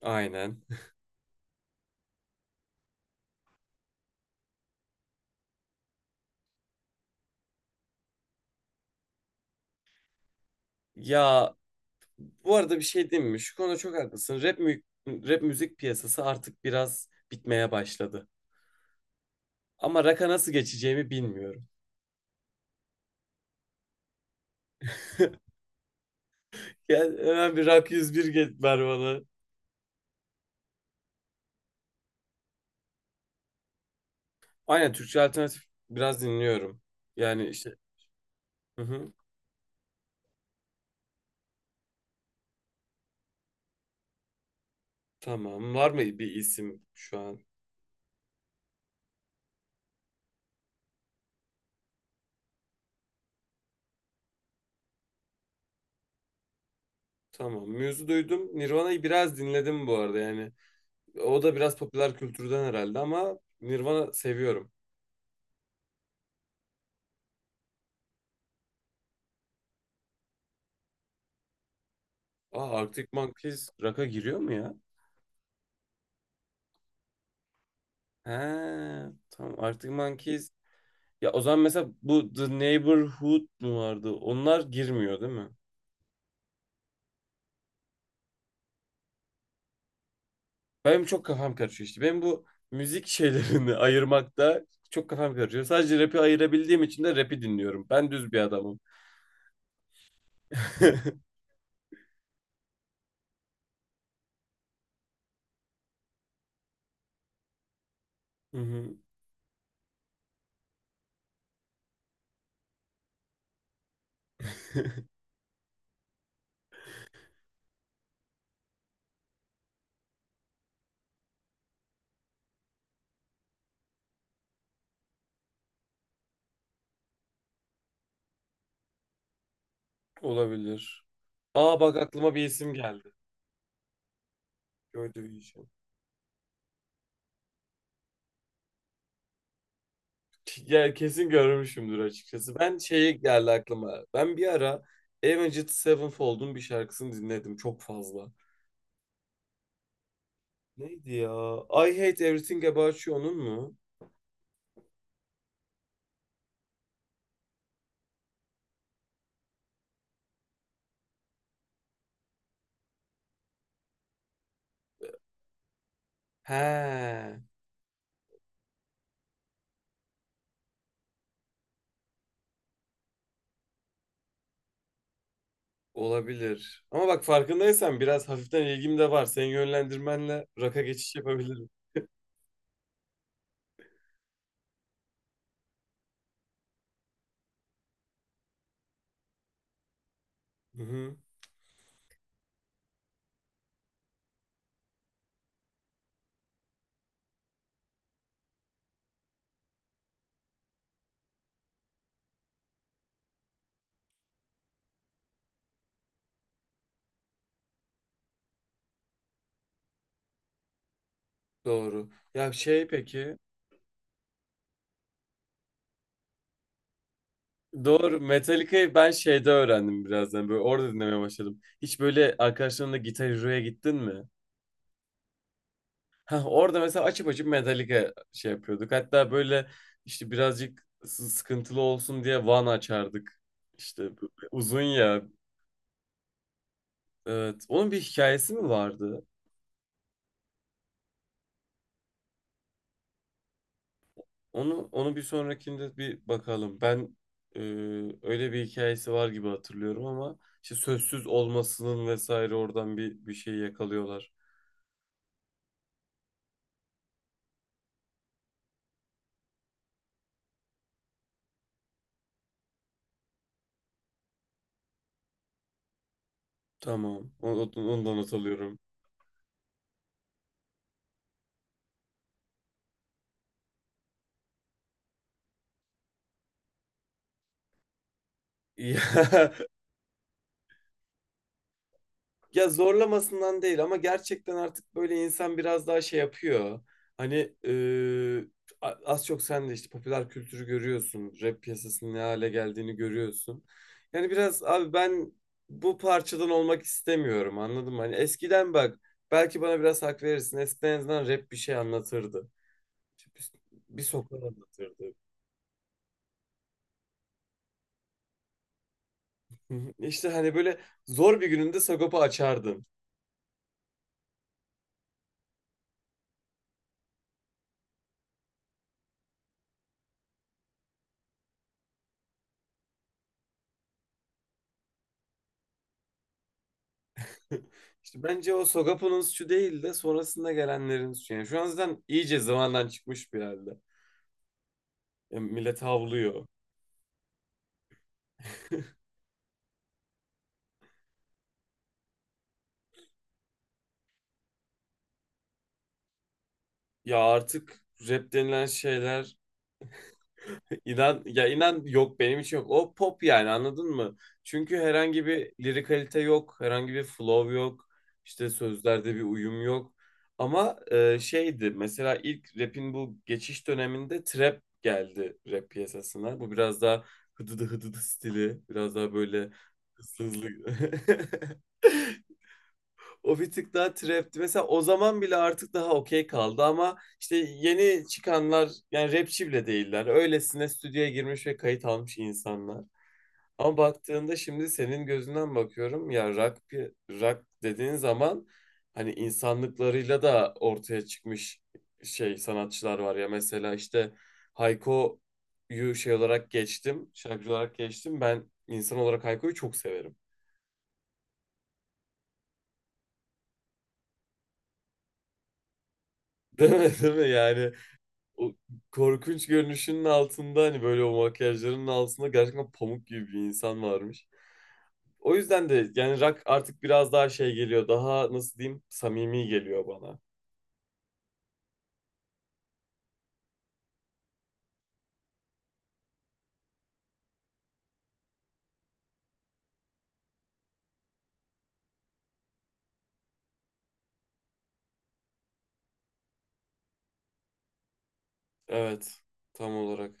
Aynen. Ya bu arada bir şey diyeyim mi? Şu konuda çok haklısın. Rap müzik piyasası artık biraz bitmeye başladı. Ama rock'a nasıl geçeceğimi bilmiyorum. Gel hemen bir Rock 101 get ver bana. Aynen Türkçe alternatif biraz dinliyorum. Yani işte hı hı, tamam var mı bir isim şu an? Tamam. Muse'u duydum. Nirvana'yı biraz dinledim bu arada yani. O da biraz popüler kültürden herhalde ama Nirvana seviyorum. Aa Arctic Monkeys rock'a giriyor mu ya? He, tamam Arctic Monkeys. Ya o zaman mesela bu The Neighborhood mu vardı? Onlar girmiyor değil mi? Benim çok kafam karışıyor işte. Benim bu müzik şeylerini ayırmakta çok kafam karışıyor. Sadece rap'i ayırabildiğim için de rap'i dinliyorum. Ben düz bir adamım. Hı hı. Olabilir. Aa bak aklıma bir isim geldi. Gördüğüm için. Ya kesin görmüşümdür açıkçası. Ben şey geldi aklıma. Ben bir ara Avenged Sevenfold'un bir şarkısını dinledim çok fazla. Neydi ya? I Hate Everything About You onun mu? He, olabilir. Ama bak farkındaysan biraz hafiften ilgim de var. Senin yönlendirmenle rock'a geçiş yapabilirim. Hı-hı, doğru. Ya şey peki. Doğru. Metallica'yı ben şeyde öğrendim birazdan. Böyle orada dinlemeye başladım. Hiç böyle arkadaşlarınla Guitar Hero'ya gittin mi? Ha, orada mesela açıp açıp Metallica şey yapıyorduk. Hatta böyle işte birazcık sıkıntılı olsun diye Van açardık. İşte uzun ya. Evet, onun bir hikayesi mi vardı? Onu bir sonrakinde bir bakalım. Ben e, öyle bir hikayesi var gibi hatırlıyorum ama işte sözsüz olmasının vesaire oradan bir şey yakalıyorlar. Tamam. Ondan not alıyorum. Ya, ya zorlamasından değil ama gerçekten artık böyle insan biraz daha şey yapıyor. Hani az çok sen de işte popüler kültürü görüyorsun. Rap piyasasının ne hale geldiğini görüyorsun. Yani biraz abi ben bu parçadan olmak istemiyorum anladın mı? Hani eskiden bak belki bana biraz hak verirsin. Eskiden en azından rap bir şey anlatırdı. İşte bir sokak anlatırdı. İşte hani böyle zor bir gününde Sagopa açardın. İşte bence o Sogapo'nun suçu değil de sonrasında gelenlerin suçu. Yani şu an zaten iyice zamandan çıkmış bir halde. Yani millet havlıyor. Ya artık rap denilen şeyler. İnan ya inan yok benim için yok. O pop yani anladın mı? Çünkü herhangi bir lirikalite yok, herhangi bir flow yok. İşte sözlerde bir uyum yok. Ama şeydi mesela ilk rap'in bu geçiş döneminde trap geldi rap piyasasına. Bu biraz daha hıdıdı hıdıdı stili, biraz daha böyle hızlı hızlı. O bir tık daha trapti. Mesela o zaman bile artık daha okey kaldı ama işte yeni çıkanlar yani rapçi bile değiller. Öylesine stüdyoya girmiş ve kayıt almış insanlar. Ama baktığında şimdi senin gözünden bakıyorum ya rock dediğin zaman hani insanlıklarıyla da ortaya çıkmış şey sanatçılar var ya mesela işte Hayko'yu şey olarak geçtim, şarkıcı olarak geçtim. Ben insan olarak Hayko'yu çok severim. Değil mi? Değil mi? Yani o korkunç görünüşünün altında hani böyle o makyajlarının altında gerçekten pamuk gibi bir insan varmış. O yüzden de yani rock artık biraz daha şey geliyor. Daha nasıl diyeyim samimi geliyor bana. Evet tam olarak.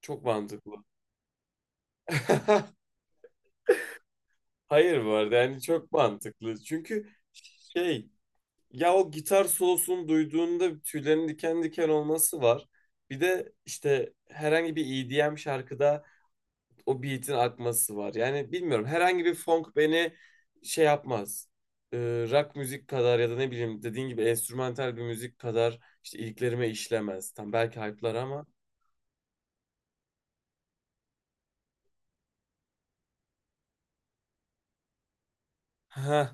Çok mantıklı. Hayır bu arada yani çok mantıklı. Çünkü şey, ya o gitar solosunu duyduğunda tüylerin diken diken olması var. Bir de işte herhangi bir EDM şarkıda o beat'in akması var. Yani bilmiyorum herhangi bir funk beni şey yapmaz. Ee, rock müzik kadar ya da ne bileyim dediğin gibi enstrümantal bir müzik kadar işte iliklerime işlemez. Tam belki hype'lar ama. Heh.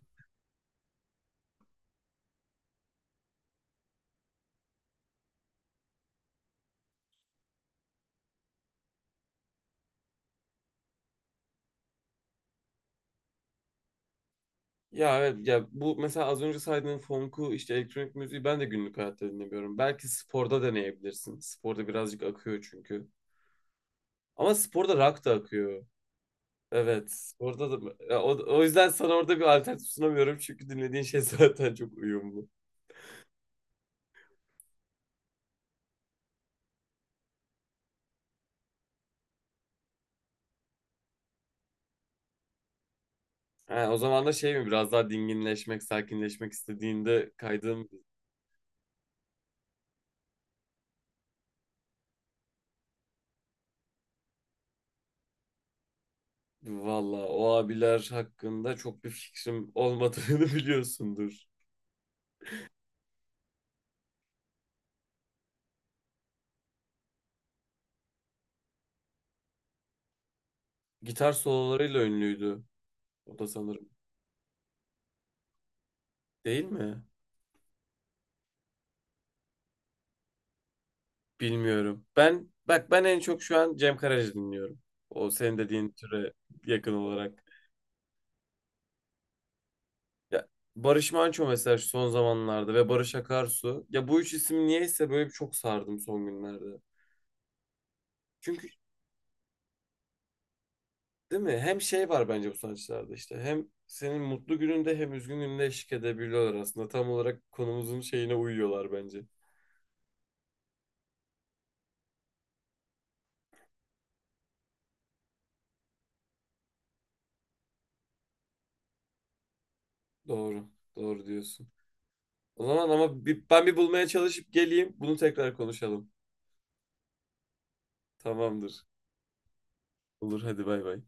Ya evet ya bu mesela az önce saydığın funk'u işte elektronik müziği ben de günlük hayatta dinlemiyorum. Belki sporda deneyebilirsin. Sporda birazcık akıyor çünkü. Ama sporda rock da akıyor. Evet, sporda da ya o yüzden sana orada bir alternatif sunamıyorum çünkü dinlediğin şey zaten çok uyumlu. Ha, o zaman da şey mi biraz daha dinginleşmek, sakinleşmek istediğinde kaydığım valla o abiler hakkında çok bir fikrim olmadığını biliyorsundur. Gitar sololarıyla ünlüydü o da sanırım. Değil mi? Bilmiyorum. Ben en çok şu an Cem Karaca dinliyorum. O senin dediğin türe yakın olarak. Ya, Barış Manço mesela şu son zamanlarda ve Barış Akarsu. Ya bu üç isim niyeyse böyle bir çok sardım son günlerde. Çünkü değil mi? Hem şey var bence bu sanatçılarda işte. Hem senin mutlu gününde hem üzgün gününde eşlik edebiliyorlar aslında. Tam olarak konumuzun şeyine uyuyorlar bence. Doğru. Doğru diyorsun. O zaman ama ben bir bulmaya çalışıp geleyim. Bunu tekrar konuşalım. Tamamdır. Olur hadi bay bay.